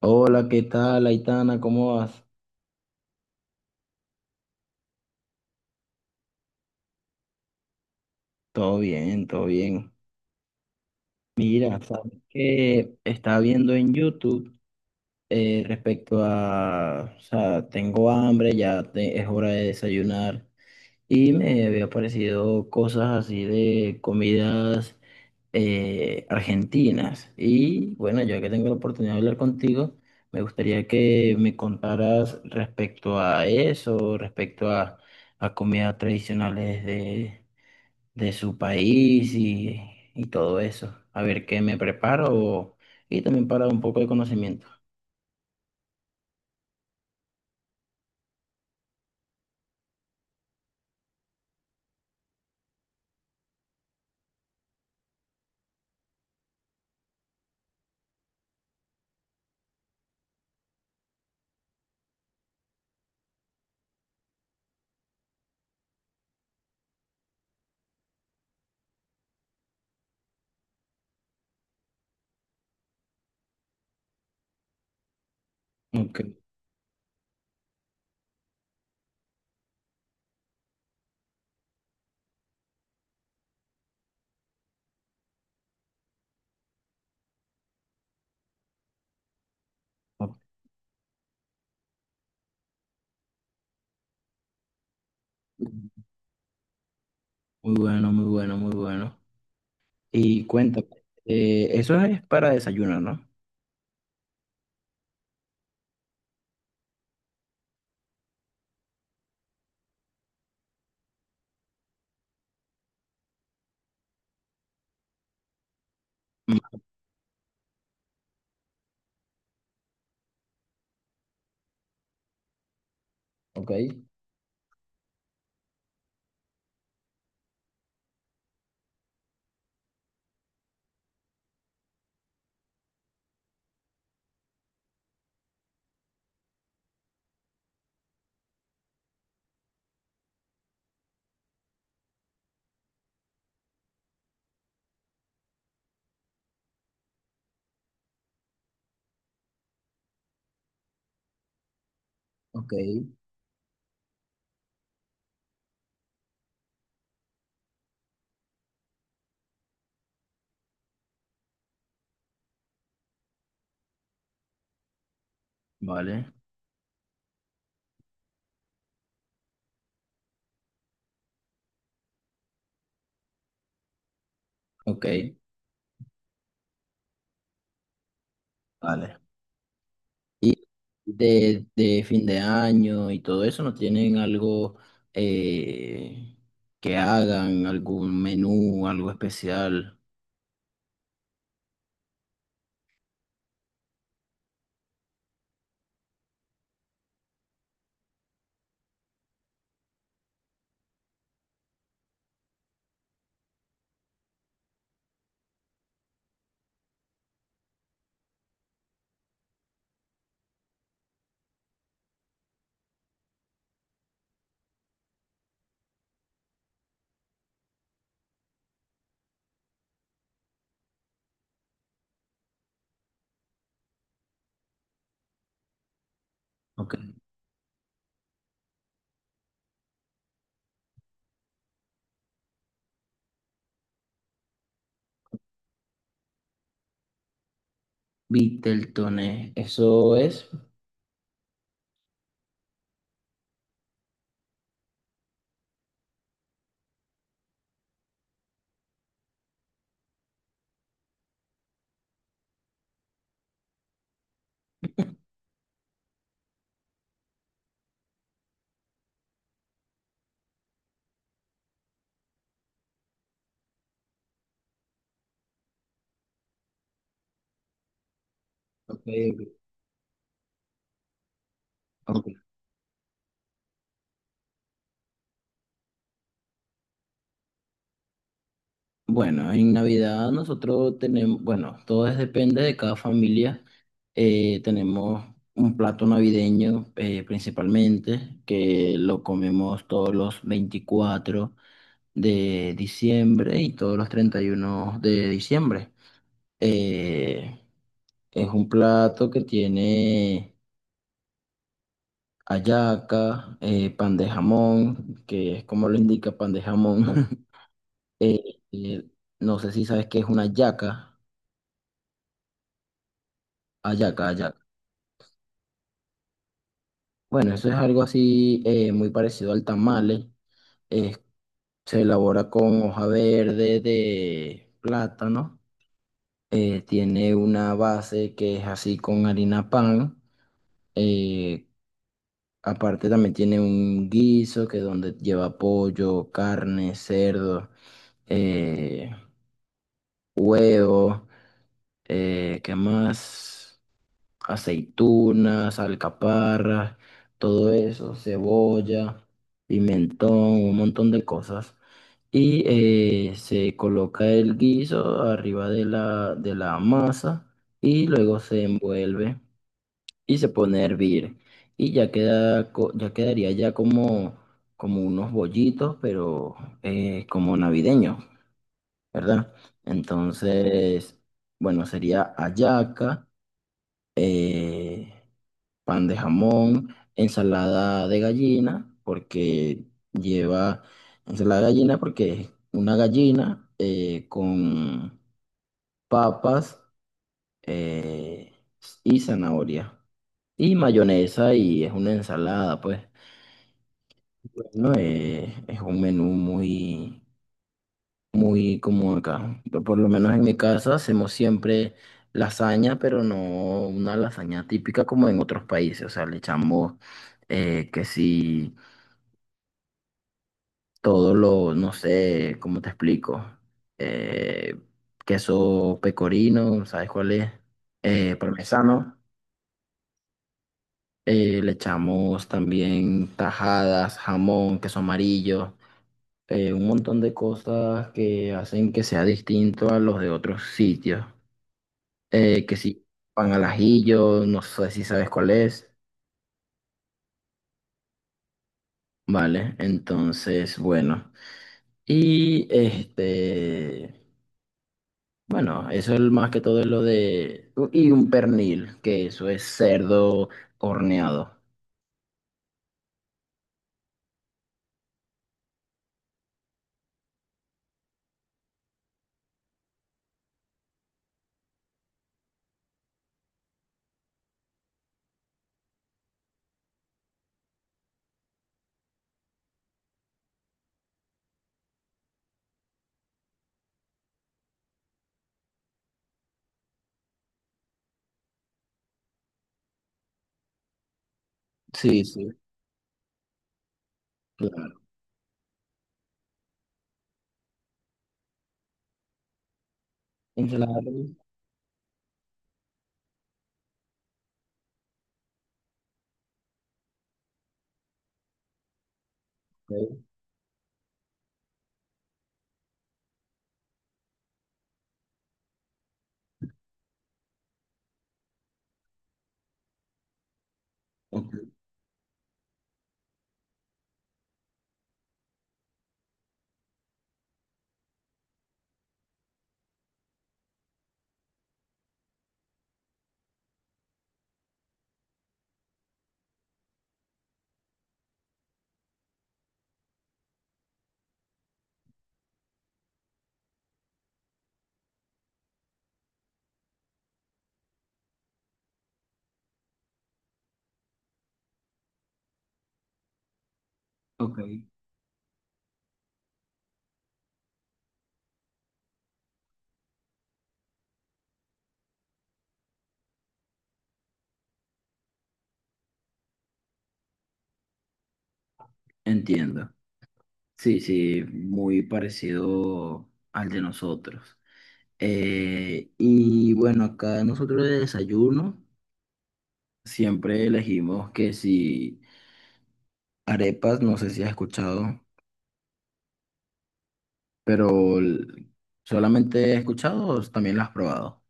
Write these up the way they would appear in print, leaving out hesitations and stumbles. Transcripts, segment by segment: Hola, ¿qué tal, Aitana? ¿Cómo vas? Todo bien, todo bien. Mira, sabes que estaba viendo en YouTube respecto a, o sea, tengo hambre, es hora de desayunar y me había aparecido cosas así de comidas argentinas. Y bueno, ya que tengo la oportunidad de hablar contigo, me gustaría que me contaras respecto a eso, respecto a comidas tradicionales de su país y todo eso. A ver qué me preparo y también para un poco de conocimiento. Ok. Ok. Muy bueno, muy bueno, muy bueno. Y cuéntame, eso es para desayuno, ¿no? Mm, ok, ok, vale, ok, vale. Y de fin de año y todo eso, ¿no tienen algo eh, que hagan, algún menú, algo especial? Ok. Viteltoné, eso es. Ok, ok. Bueno, en Navidad nosotros tenemos, bueno, depende de cada familia. Tenemos un plato navideño principalmente, que lo comemos todos los 24 de diciembre y todos los 31 de diciembre. Eh, es un plato que tiene hallaca, pan de jamón, que es como lo indica pan de jamón. Eh, eh, no sé si sabes qué es una yaca, ayaca, ayaca. Bueno, eso es algo así muy parecido al tamale. Es- se elabora con hoja verde de plátano. Tiene una base que es así con harina pan. Eh, aparte también tiene un guiso que donde lleva pollo, carne, cerdo, eh, huevo, ¿qué más? Aceitunas, alcaparras, todo eso, cebolla, pimentón, un montón de cosas. Y se coloca el guiso arriba de la masa y luego se envuelve y se pone a hervir. Y ya queda, ya quedaría ya como unos bollitos, pero como navideños, ¿verdad? Entonces, bueno, sería hallaca, eh, pan de jamón, ensalada de gallina, porque lleva ensalada de gallina porque es una gallina con papas eh, y zanahoria y mayonesa y es una ensalada, pues. Bueno, es un menú muy, muy común acá. Por lo menos en mi casa hacemos siempre lasaña, pero no una lasaña típica como en otros países. O sea, le echamos que sí todo lo, no sé, ¿cómo te explico? Eh, queso pecorino, ¿sabes cuál es? Parmesano. Le echamos también tajadas, jamón, queso amarillo, un montón de cosas que hacen que sea distinto a los de otros sitios. Que si pan al ajillo, no sé si sabes cuál es. Vale, entonces, bueno. Y bueno, eso es más que todo lo de. Y un pernil, que eso es cerdo horneado. Sí, sí. Ensalada rusa. Ok, ok. Ok. Entiendo. Sí, sí, muy parecido al de nosotros. Y bueno, acá nosotros de desayuno siempre elegimos que si arepas, no sé si has escuchado, pero solamente he escuchado o también las has probado.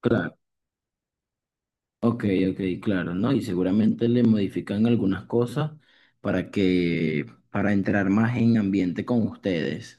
Claro. Ok, ok, claro, ¿no? Y seguramente le modifican algunas cosas para que, para entrar más en ambiente con ustedes.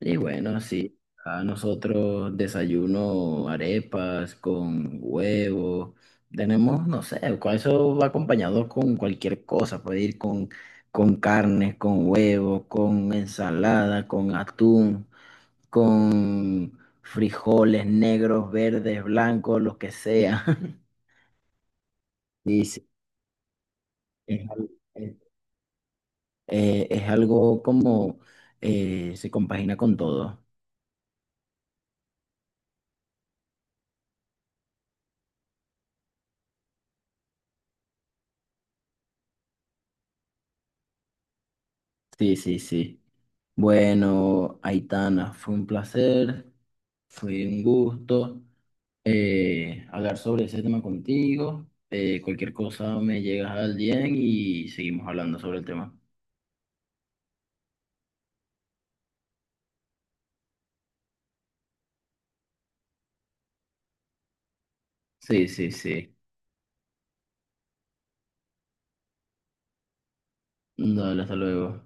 Y bueno, sí, a nosotros desayuno arepas con huevo, tenemos, no sé, con eso va acompañado con cualquier cosa, puede ir con carne, con huevo, con ensalada, con atún, con frijoles negros, verdes, blancos, lo que sea. Sí, sí. Es, al- es- es algo como se compagina con todo. Sí, sí, sí. Bueno, Aitana, fue un placer, fue un gusto hablar sobre ese tema contigo. Cualquier cosa me llegas al DM y seguimos hablando sobre el tema. Sí, sí, sí. Dale, hasta luego.